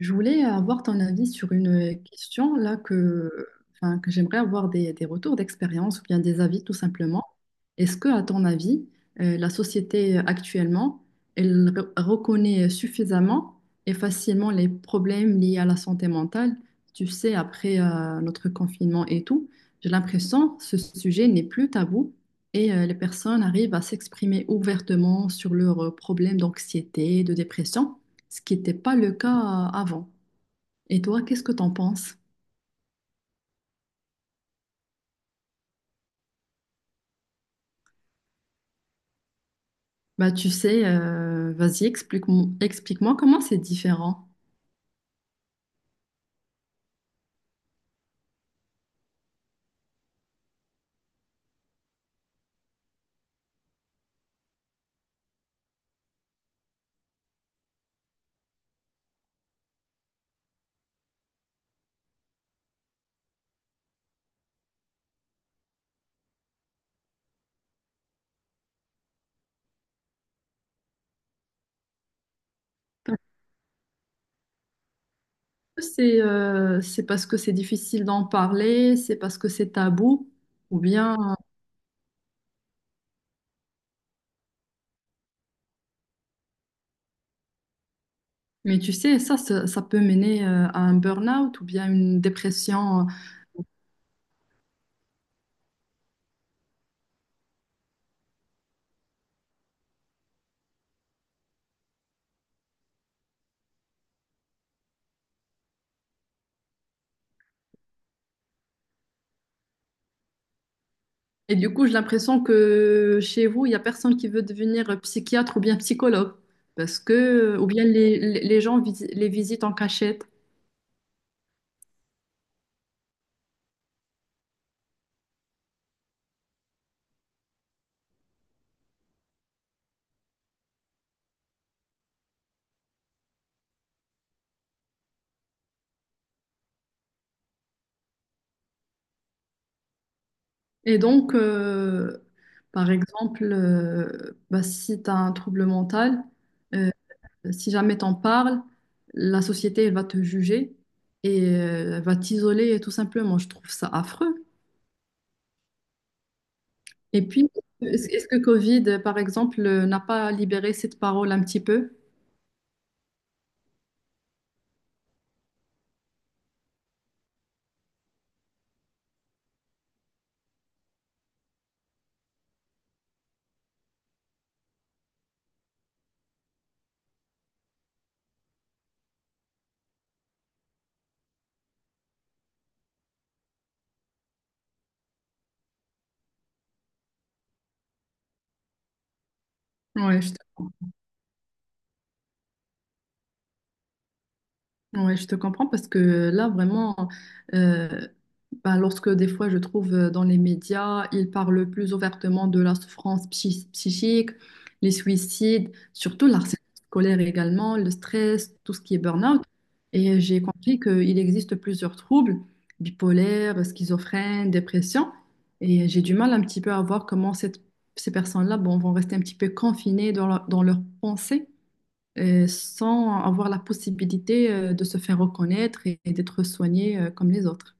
Je voulais avoir ton avis sur une question là que, que j'aimerais avoir des retours d'expérience ou bien des avis tout simplement. Est-ce que, à ton avis, la société actuellement, elle reconnaît suffisamment et facilement les problèmes liés à la santé mentale? Tu sais, après notre confinement et tout, j'ai l'impression que ce sujet n'est plus tabou et les personnes arrivent à s'exprimer ouvertement sur leurs problèmes d'anxiété, de dépression, ce qui n'était pas le cas avant. Et toi, qu'est-ce que t'en penses? Bah, tu sais, vas-y, explique-moi, explique-moi comment c'est différent. Parce que c'est parce que c'est difficile d'en parler, c'est parce que c'est tabou, ou bien. Mais tu sais, ça peut mener à un burn-out ou bien une dépression. Et du coup, j'ai l'impression que chez vous, il n'y a personne qui veut devenir psychiatre ou bien psychologue. Parce que, ou bien les gens les visitent en cachette. Et donc, par exemple, bah, si tu as un trouble mental, euh, si jamais t'en parles, la société elle va te juger et elle va t'isoler tout simplement. Je trouve ça affreux. Et puis, est-ce que Covid, par exemple, n'a pas libéré cette parole un petit peu? Oui, je Ouais, je te comprends parce que là, vraiment, euh, bah, lorsque des fois je trouve dans les médias, ils parlent plus ouvertement de la souffrance psychique, les suicides, surtout le harcèlement scolaire également, le stress, tout ce qui est burn-out. Et j'ai compris qu'il existe plusieurs troubles, bipolaire, schizophrène, dépression. Et j'ai du mal un petit peu à voir comment ces personnes-là bon, vont rester un petit peu confinées dans leurs pensées sans avoir la possibilité de se faire reconnaître et d'être soigné comme les autres.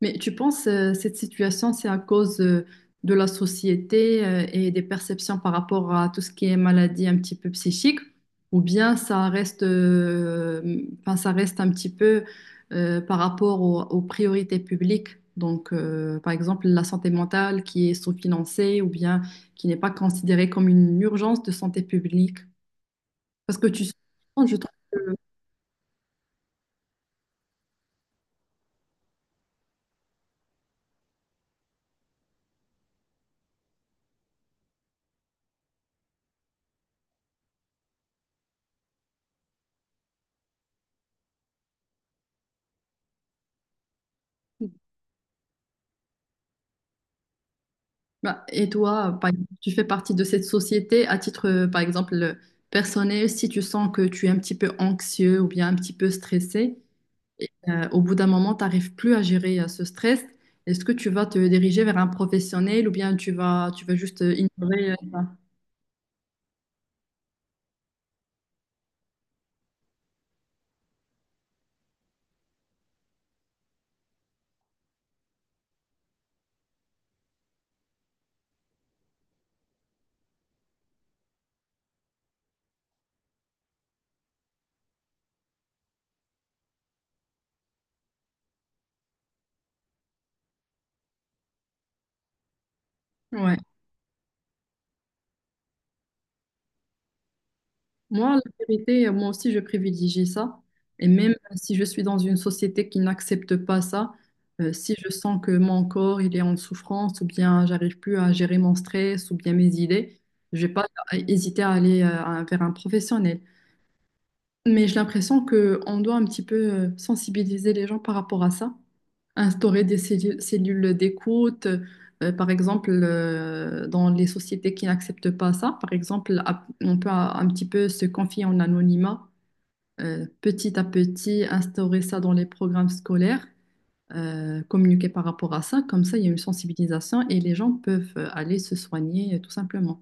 Mais tu penses cette situation, c'est à cause de la société et des perceptions par rapport à tout ce qui est maladie un petit peu psychique, ou bien ça reste, ça reste un petit peu par rapport aux priorités publiques? Donc, par exemple, la santé mentale qui est sous-financée ou bien qui n'est pas considérée comme une urgence de santé publique. Parce que tu, je Bah, et toi, par exemple, tu fais partie de cette société à titre, personnel, si tu sens que tu es un petit peu anxieux ou bien un petit peu stressé, et, au bout d'un moment, tu n'arrives plus à gérer ce stress, est-ce que tu vas te diriger vers un professionnel ou bien tu vas juste ignorer ça? Ouais. Moi, la vérité, moi aussi, je privilégie ça. Et même si je suis dans une société qui n'accepte pas ça, si je sens que mon corps, il est en souffrance, ou bien j'arrive plus à gérer mon stress, ou bien mes idées, je vais pas hésiter à aller vers un professionnel. Mais j'ai l'impression que on doit un petit peu sensibiliser les gens par rapport à ça, instaurer des cellules d'écoute, dans les sociétés qui n'acceptent pas ça, par exemple, on peut un petit peu se confier en anonymat, petit à petit, instaurer ça dans les programmes scolaires, communiquer par rapport à ça, comme ça, il y a une sensibilisation et les gens peuvent aller se soigner tout simplement.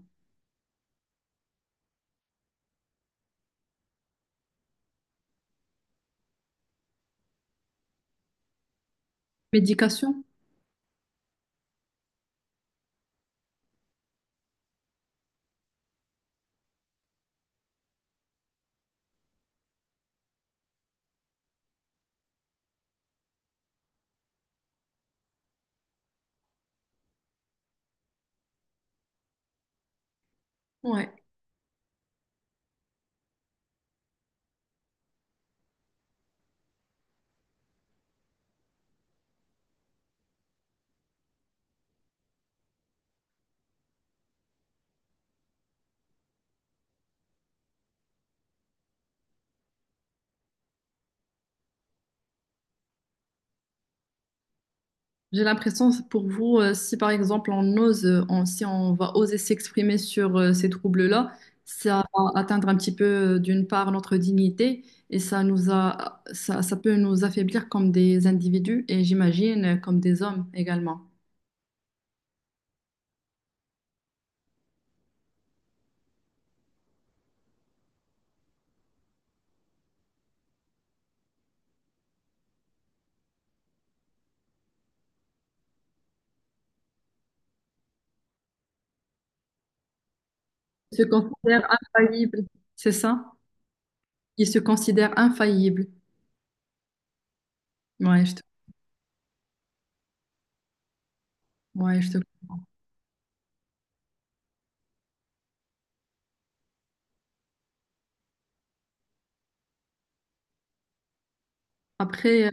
Médication? Ouais. J'ai l'impression, c'est pour vous, si par exemple on ose, si on va oser s'exprimer sur ces troubles-là, ça va atteindre un petit peu d'une part notre dignité et ça peut nous affaiblir comme des individus et j'imagine comme des hommes également. Ils se considèrent infaillibles, c'est ça? Ils se considèrent infaillibles. Ouais, je te, ouais, je te- Après,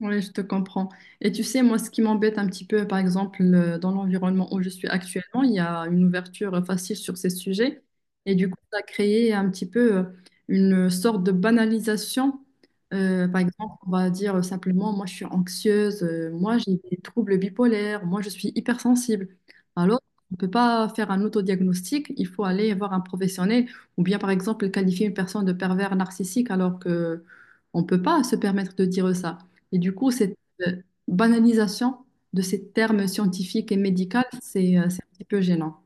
Oui, je te comprends. Et tu sais, moi, ce qui m'embête un petit peu, par exemple, dans l'environnement où je suis actuellement, il y a une ouverture facile sur ces sujets. Et du coup, ça a créé un petit peu une sorte de banalisation. Par exemple, on va dire simplement, moi, je suis anxieuse, moi, j'ai des troubles bipolaires, moi, je suis hypersensible. Alors, on ne peut pas faire un autodiagnostic, il faut aller voir un professionnel ou bien, par exemple, qualifier une personne de pervers narcissique alors que on ne peut pas se permettre de dire ça. Et du coup, cette euh, banalisation de ces termes scientifiques et médicaux, c'est un petit peu gênant.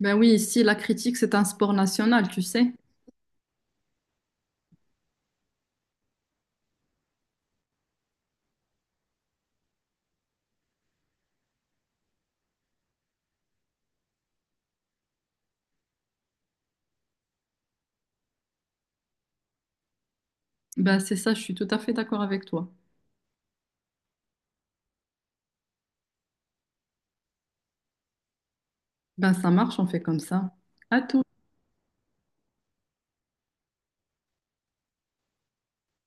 Ben oui, ici, la critique, c'est un sport national, tu sais. Ben c'est ça, je suis tout à fait d'accord avec toi. Ben ça marche, on fait comme ça. À tout.